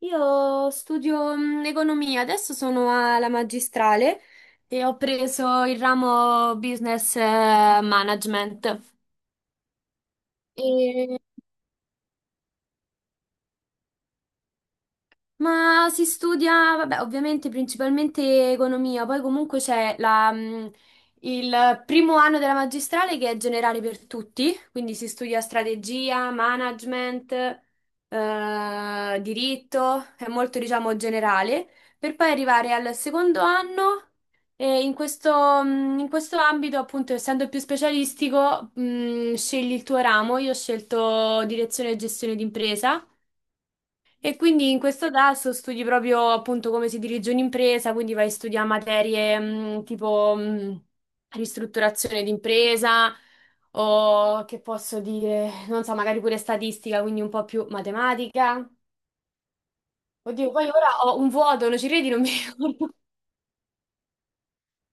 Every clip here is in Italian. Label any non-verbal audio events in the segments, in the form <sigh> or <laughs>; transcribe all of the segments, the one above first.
Io studio economia, adesso sono alla magistrale e ho preso il ramo business management. E Ma si studia, vabbè, ovviamente principalmente economia, poi comunque c'è il primo anno della magistrale che è generale per tutti, quindi si studia strategia, management, diritto, è molto diciamo generale, per poi arrivare al secondo anno e in questo ambito appunto essendo più specialistico, scegli il tuo ramo, io ho scelto direzione e gestione d'impresa. E quindi in questo tasso studi proprio appunto come si dirige un'impresa, quindi vai a studiare materie tipo ristrutturazione d'impresa o che posso dire, non so, magari pure statistica, quindi un po' più matematica. Oddio, poi ora ho un vuoto, non ci credi, non mi <laughs> ricordo,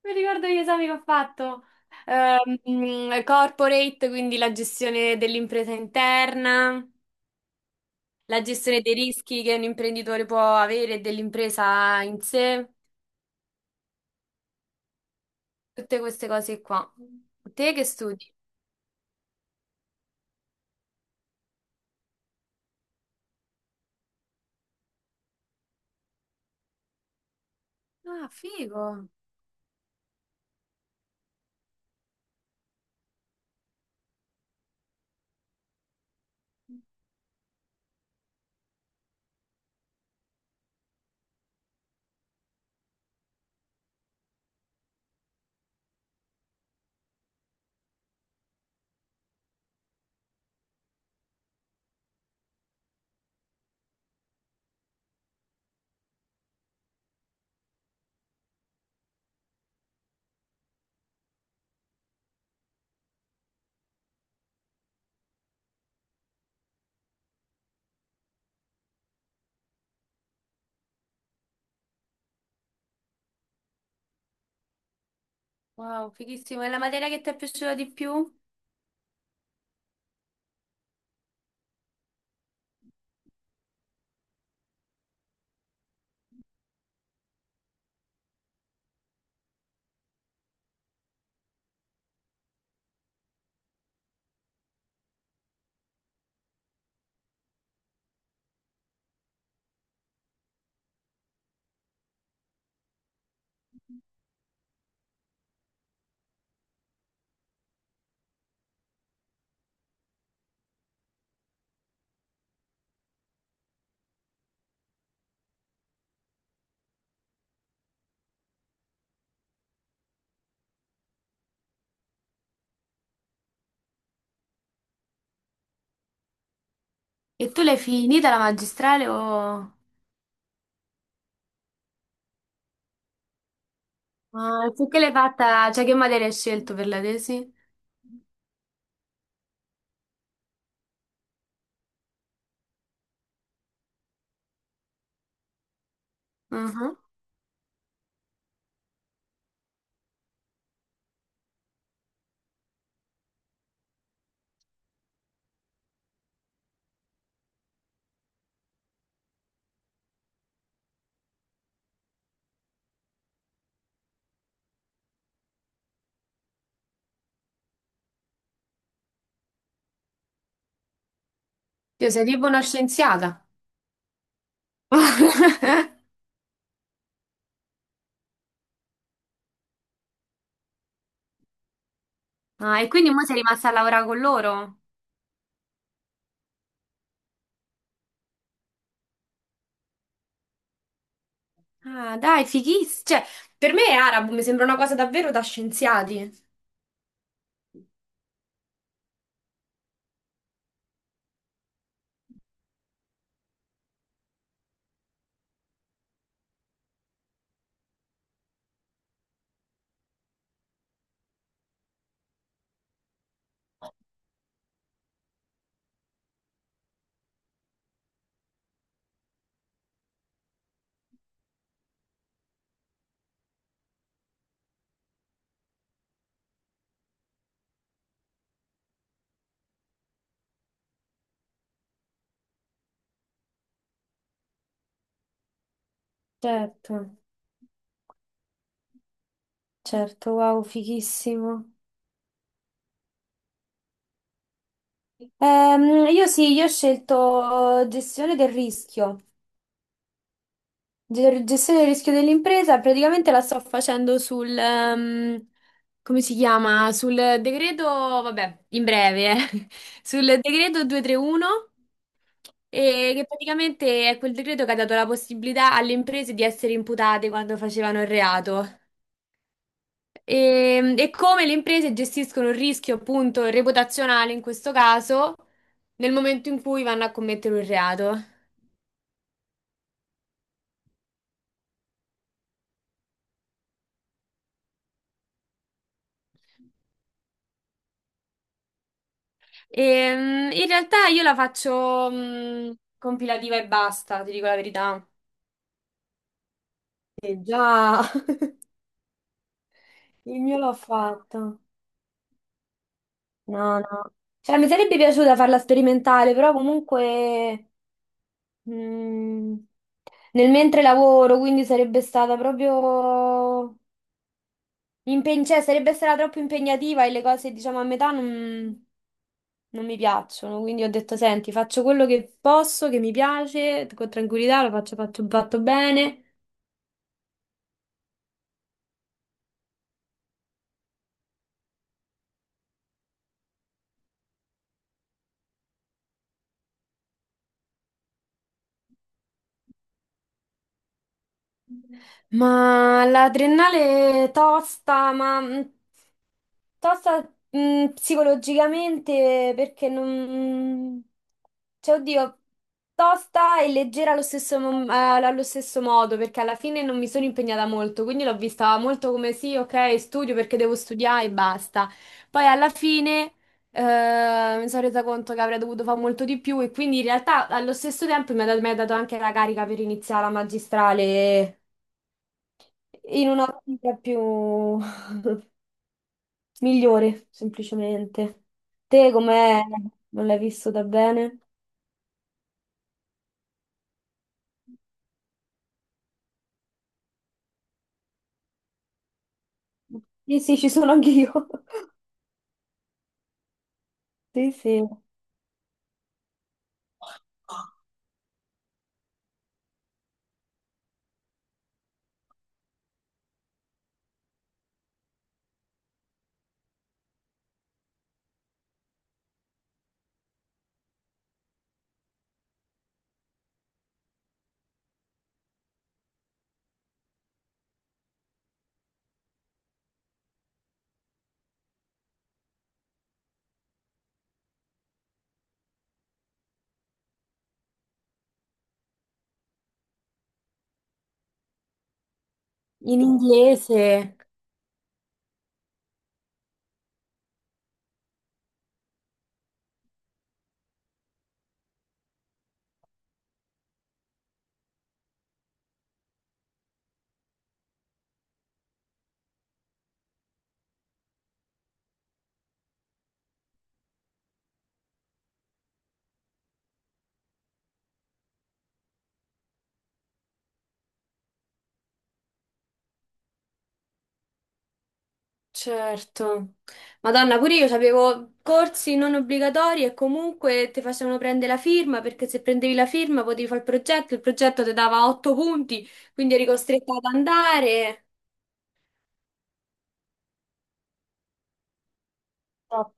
non mi ricordo gli esami che ho fatto. Corporate, quindi la gestione dell'impresa interna, la gestione dei rischi che un imprenditore può avere e dell'impresa in sé. Tutte queste cose qua. Te che studi? Ah, figo. Wow, fighissimo. E la materia che ti è piaciuta di più? E tu l'hai finita la magistrale o... Ah, tu che l'hai fatta? Cioè, che materia hai scelto per la tesi? Mhm. Io sei tipo una scienziata. <laughs> Ah, e quindi mo sei rimasta a lavorare con loro? Ah, dai, fighissimo. Cioè, per me è arabo, mi sembra una cosa davvero da scienziati. Certo, certo, wow, fighissimo. Io sì, io ho scelto gestione del rischio. Gestione del rischio dell'impresa, praticamente la sto facendo come si chiama? Sul decreto, vabbè, in breve, eh. <laughs> Sul decreto 231, e che praticamente è quel decreto che ha dato la possibilità alle imprese di essere imputate quando facevano il reato. E come le imprese gestiscono il rischio appunto reputazionale in questo caso nel momento in cui vanno a commettere un reato. In realtà io la faccio compilativa e basta, ti dico la verità. Eh già, <laughs> il mio l'ho fatto. No, no. Cioè, mi sarebbe piaciuta farla sperimentale, però comunque mh, nel mentre lavoro, quindi sarebbe stata proprio cioè, sarebbe stata troppo impegnativa e le cose, diciamo, a metà non, non mi piacciono. Quindi ho detto, senti, faccio quello che posso, che mi piace, con tranquillità, lo faccio, faccio fatto bene. Ma la triennale è tosta, ma tosta psicologicamente perché non... Cioè, oddio, tosta e leggera allo stesso modo, perché alla fine non mi sono impegnata molto, quindi l'ho vista molto come sì, ok, studio perché devo studiare e basta. Poi alla fine mi sono resa conto che avrei dovuto fare molto di più e quindi in realtà allo stesso tempo mi ha dato anche la carica per iniziare la magistrale in un'ottica più <laughs> migliore, semplicemente. Te com'è? Non l'hai vissuta bene? Sì, sì, ci sono anch'io. Sì, sì. In inglese, certo. Madonna, pure io avevo corsi non obbligatori e comunque ti facevano prendere la firma perché se prendevi la firma potevi fare il progetto ti dava otto punti, quindi eri costretta ad andare. Top.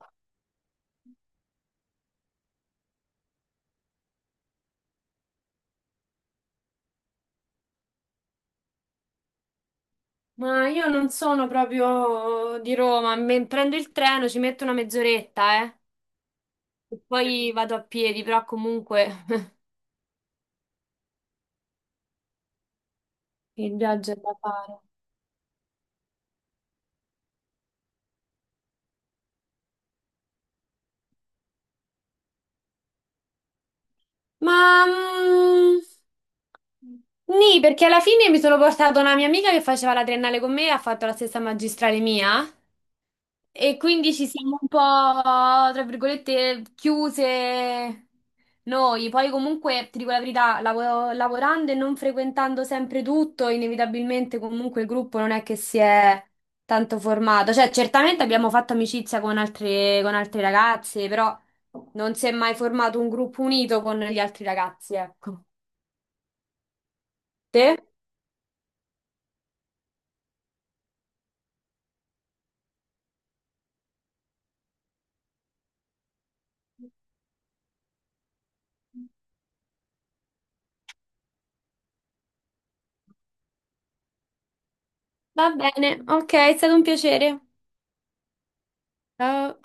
Ma io non sono proprio di Roma, prendo il treno, ci metto una mezz'oretta, e poi vado a piedi, però comunque <laughs> il viaggio è da fare. Ma nì, perché alla fine mi sono portata una mia amica che faceva la triennale con me e ha fatto la stessa magistrale mia. E quindi ci siamo un po', tra virgolette, chiuse noi. Poi comunque, ti dico la verità, lavorando e non frequentando sempre tutto, inevitabilmente comunque il gruppo non è che si è tanto formato. Cioè, certamente abbiamo fatto amicizia con altre ragazze, però non si è mai formato un gruppo unito con gli altri ragazzi, ecco. Te? Va bene, ok, è stato un piacere. Ciao.